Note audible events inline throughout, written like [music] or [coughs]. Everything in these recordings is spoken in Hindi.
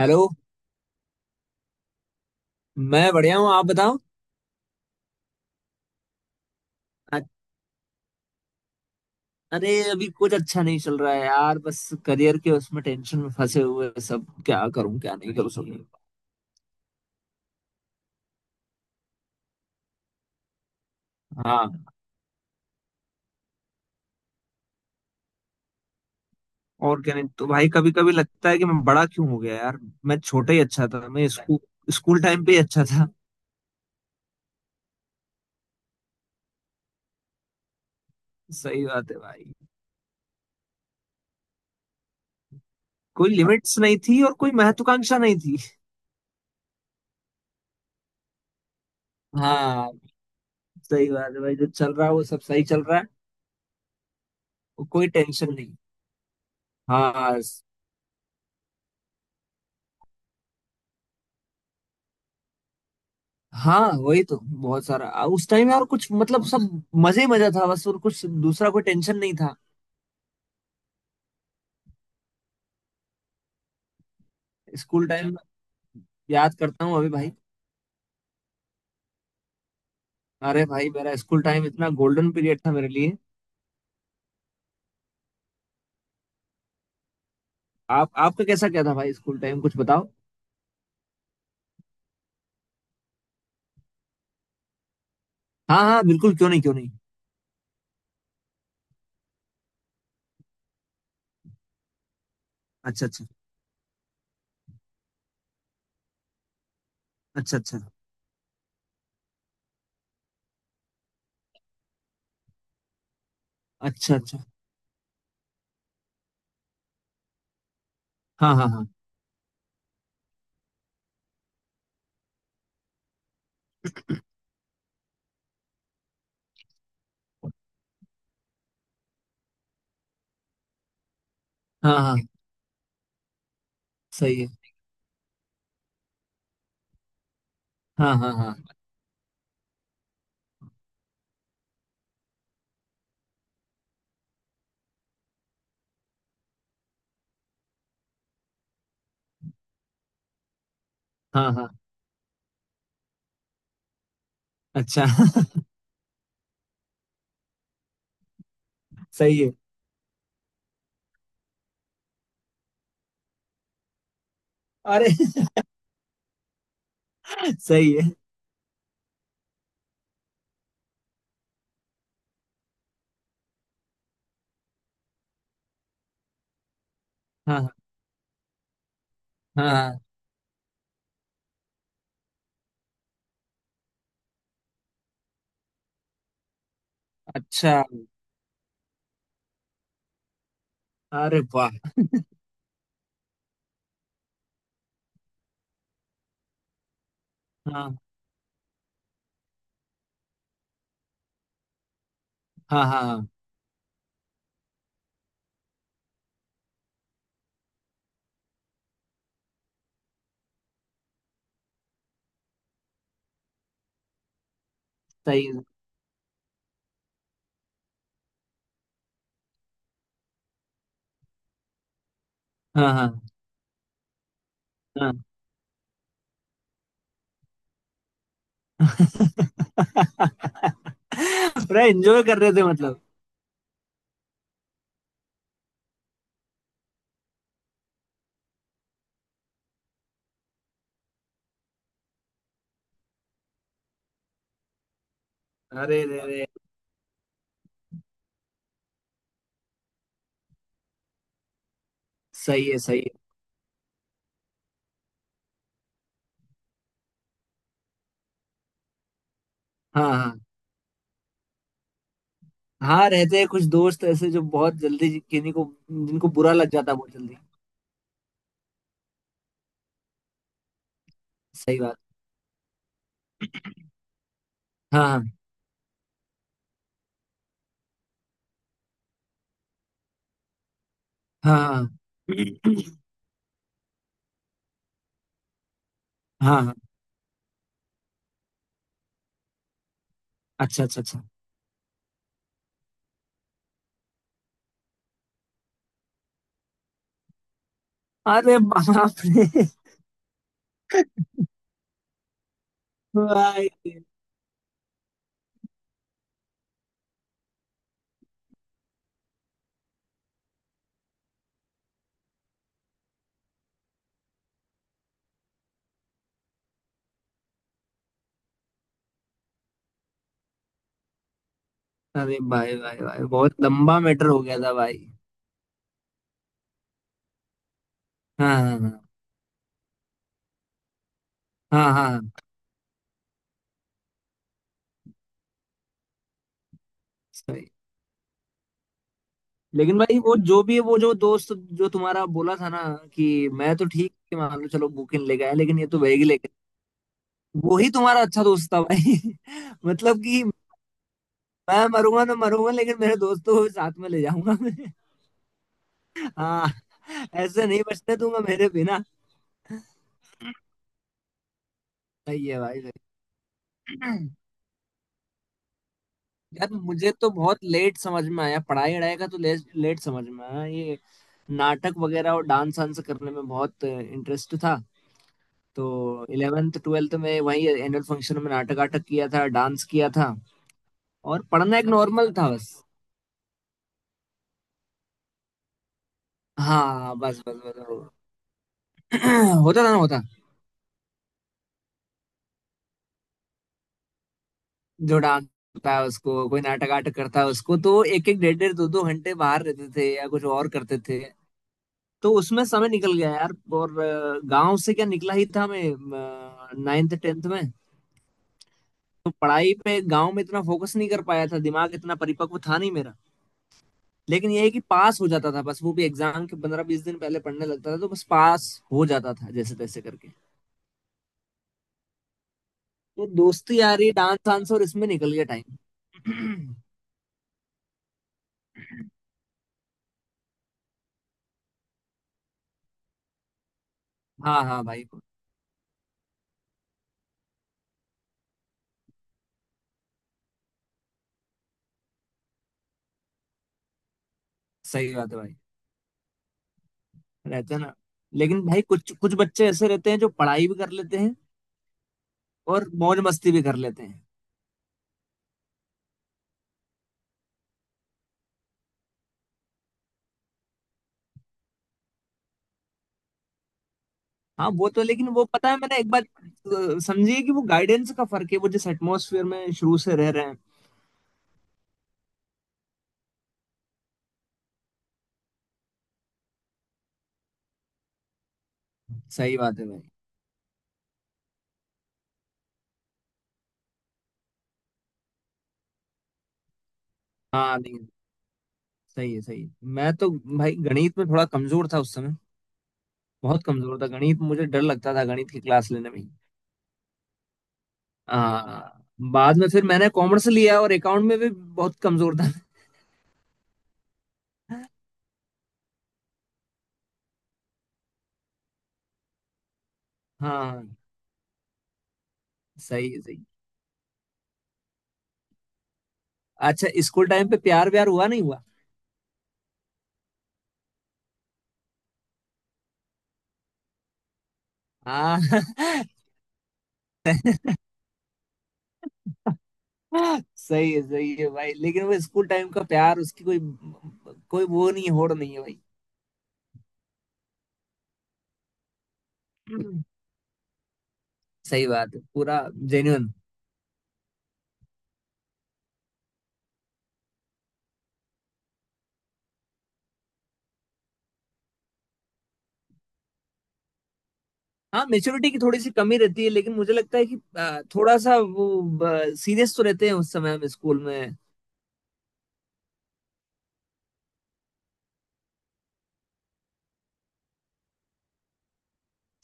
हेलो। मैं बढ़िया हूँ, आप बताओ। अ- अरे अभी कुछ अच्छा नहीं चल रहा है यार, बस करियर के उसमें टेंशन में फंसे हुए हैं। सब क्या करूँ क्या नहीं करूँ सब। हाँ, और क्या। नहीं तो भाई कभी कभी लगता है कि मैं बड़ा क्यों हो गया यार। मैं छोटा ही अच्छा था। मैं स्कूल स्कूल टाइम पे ही अच्छा था। [laughs] सही बात है भाई। कोई लिमिट्स नहीं थी और कोई महत्वाकांक्षा नहीं थी। [laughs] हाँ। सही बात है भाई, जो चल रहा है वो सब सही चल रहा है। और कोई टेंशन नहीं। हाँ हाँ वही तो बहुत सारा, उस टाइम यार कुछ मतलब सब मजे ही मजा था बस, और कुछ दूसरा कोई टेंशन नहीं था। स्कूल टाइम में याद करता हूँ अभी भाई। अरे भाई, मेरा स्कूल टाइम इतना गोल्डन पीरियड था मेरे लिए। आप आपका कैसा क्या था भाई, स्कूल टाइम कुछ बताओ। हाँ हाँ बिल्कुल, क्यों नहीं क्यों नहीं। अच्छा अच्छा। अच्छा अच्छा। अच्छा अच्छा। हाँ हाँ हाँ। हाँ हाँ। सही है। हाँ हाँ हाँ। हाँ हाँ। अच्छा। [laughs] सही है। अरे। [laughs] सही है। हाँ हाँ हाँ। अच्छा। अरे वाह। हाँ हाँ हाँ। हाँ, सही है। हाँ हाँ हाँ। [laughs] पूरा एंजॉय कर रहे थे मतलब। अरे रे रे। सही है सही है। हाँ हाँ हाँ, रहते हैं कुछ दोस्त ऐसे जो बहुत जल्दी किन्हीं को, जिनको बुरा लग जाता है बहुत जल्दी। सही बात। हाँ हाँ हाँ। हाँ हाँ हाँ। अच्छा अच्छा अच्छा। अरे बाप रे। भाई। अरे भाई भाई भाई, बहुत लंबा मैटर हो गया था भाई। हाँ हाँ हाँ। हाँ हाँ। सही। लेकिन भाई वो जो भी है, वो जो दोस्त, जो तुम्हारा बोला था ना, कि मैं तो ठीक है मान लो, चलो बुकिन लेके आया, लेकिन ये तो बैग ही लेके। वो ही तुम्हारा अच्छा दोस्त था भाई। [laughs] मतलब कि मैं मरूंगा ना मरूंगा, लेकिन मेरे दोस्तों को भी साथ में ले जाऊंगा मैं। [laughs] हाँ, ऐसे नहीं बचने दूंगा मेरे बिना। सही है भाई सही। [clears throat] यार मुझे तो बहुत लेट समझ में आया। पढ़ाई वढ़ाई का तो लेट समझ में आया ये। नाटक वगैरह और डांस वांस करने में बहुत इंटरेस्ट था। तो 11th 12th में वही एनुअल फंक्शन में नाटक वाटक किया था, डांस किया था। और पढ़ना एक नॉर्मल था बस। हाँ, बस बस बस [clears throat] होता था ना होता। जो डांस होता है उसको, कोई नाटक आटक करता है उसको, तो एक एक डेढ़ डेढ़ दो दो घंटे बाहर रहते थे या कुछ और करते थे। तो उसमें समय निकल गया यार। और गांव से क्या निकला ही था मैं, 9th 10th में। तो पढ़ाई पे गांव में इतना फोकस नहीं कर पाया था, दिमाग इतना परिपक्व था नहीं मेरा। लेकिन ये है कि पास हो जाता था बस, वो भी एग्जाम के 15-20 दिन पहले पढ़ने लगता था, तो बस पास हो जाता था जैसे तैसे करके। तो दोस्ती आ रही डांस वांस और इसमें निकल गया टाइम। [clears throat] [coughs] हाँ हाँ भाई। सही बात है भाई, रहते हैं ना। लेकिन भाई कुछ कुछ बच्चे ऐसे रहते हैं जो पढ़ाई भी कर लेते हैं और मौज मस्ती भी कर लेते हैं। हाँ वो तो, लेकिन वो पता है मैंने एक बार समझिए कि वो गाइडेंस का फर्क है, वो जिस एटमोसफियर में शुरू से रह रहे हैं। सही बात है भाई। हाँ नहीं। सही है सही है। मैं तो भाई गणित में थोड़ा कमजोर था उस समय। बहुत कमजोर था गणित, मुझे डर लगता था गणित की क्लास लेने में। आ, बाद में फिर मैंने कॉमर्स लिया और अकाउंट में भी बहुत कमजोर था। हाँ। सही है सही। अच्छा, स्कूल टाइम पे प्यार व्यार हुआ नहीं हुआ। हाँ [laughs] सही है भाई। लेकिन वो स्कूल टाइम का प्यार, उसकी कोई कोई वो नहीं है, होड़ नहीं है भाई। सही बात है पूरा जेन्युइन। हाँ मेच्योरिटी की थोड़ी सी कमी रहती है, लेकिन मुझे लगता है कि थोड़ा सा वो सीरियस तो रहते हैं उस समय हम स्कूल में।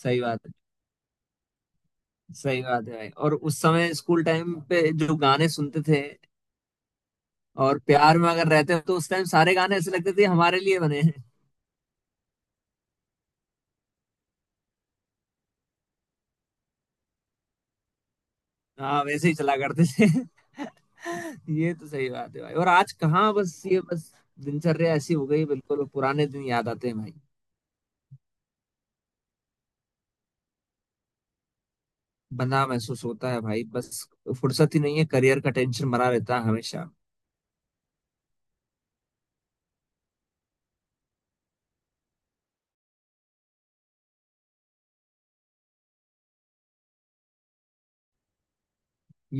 सही बात है सही बात है भाई। और उस समय स्कूल टाइम पे जो गाने सुनते थे, और प्यार में अगर रहते हो तो उस टाइम सारे गाने ऐसे लगते थे हमारे लिए बने हैं। हाँ वैसे ही चला करते थे। [laughs] ये तो सही बात है भाई। और आज कहाँ, बस ये बस दिनचर्या ऐसी हो गई। बिल्कुल पुराने दिन याद आते हैं भाई। बंदा महसूस होता है भाई बस। फुर्सत ही नहीं है, करियर का टेंशन मरा रहता है हमेशा।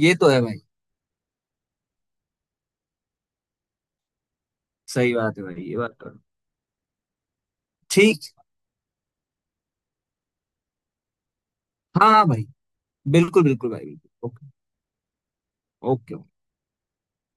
ये तो है भाई। सही बात है भाई ये बात तो है। ठीक। हाँ हाँ भाई, बिल्कुल बिल्कुल भाई, बिल्कुल ओके। ओके।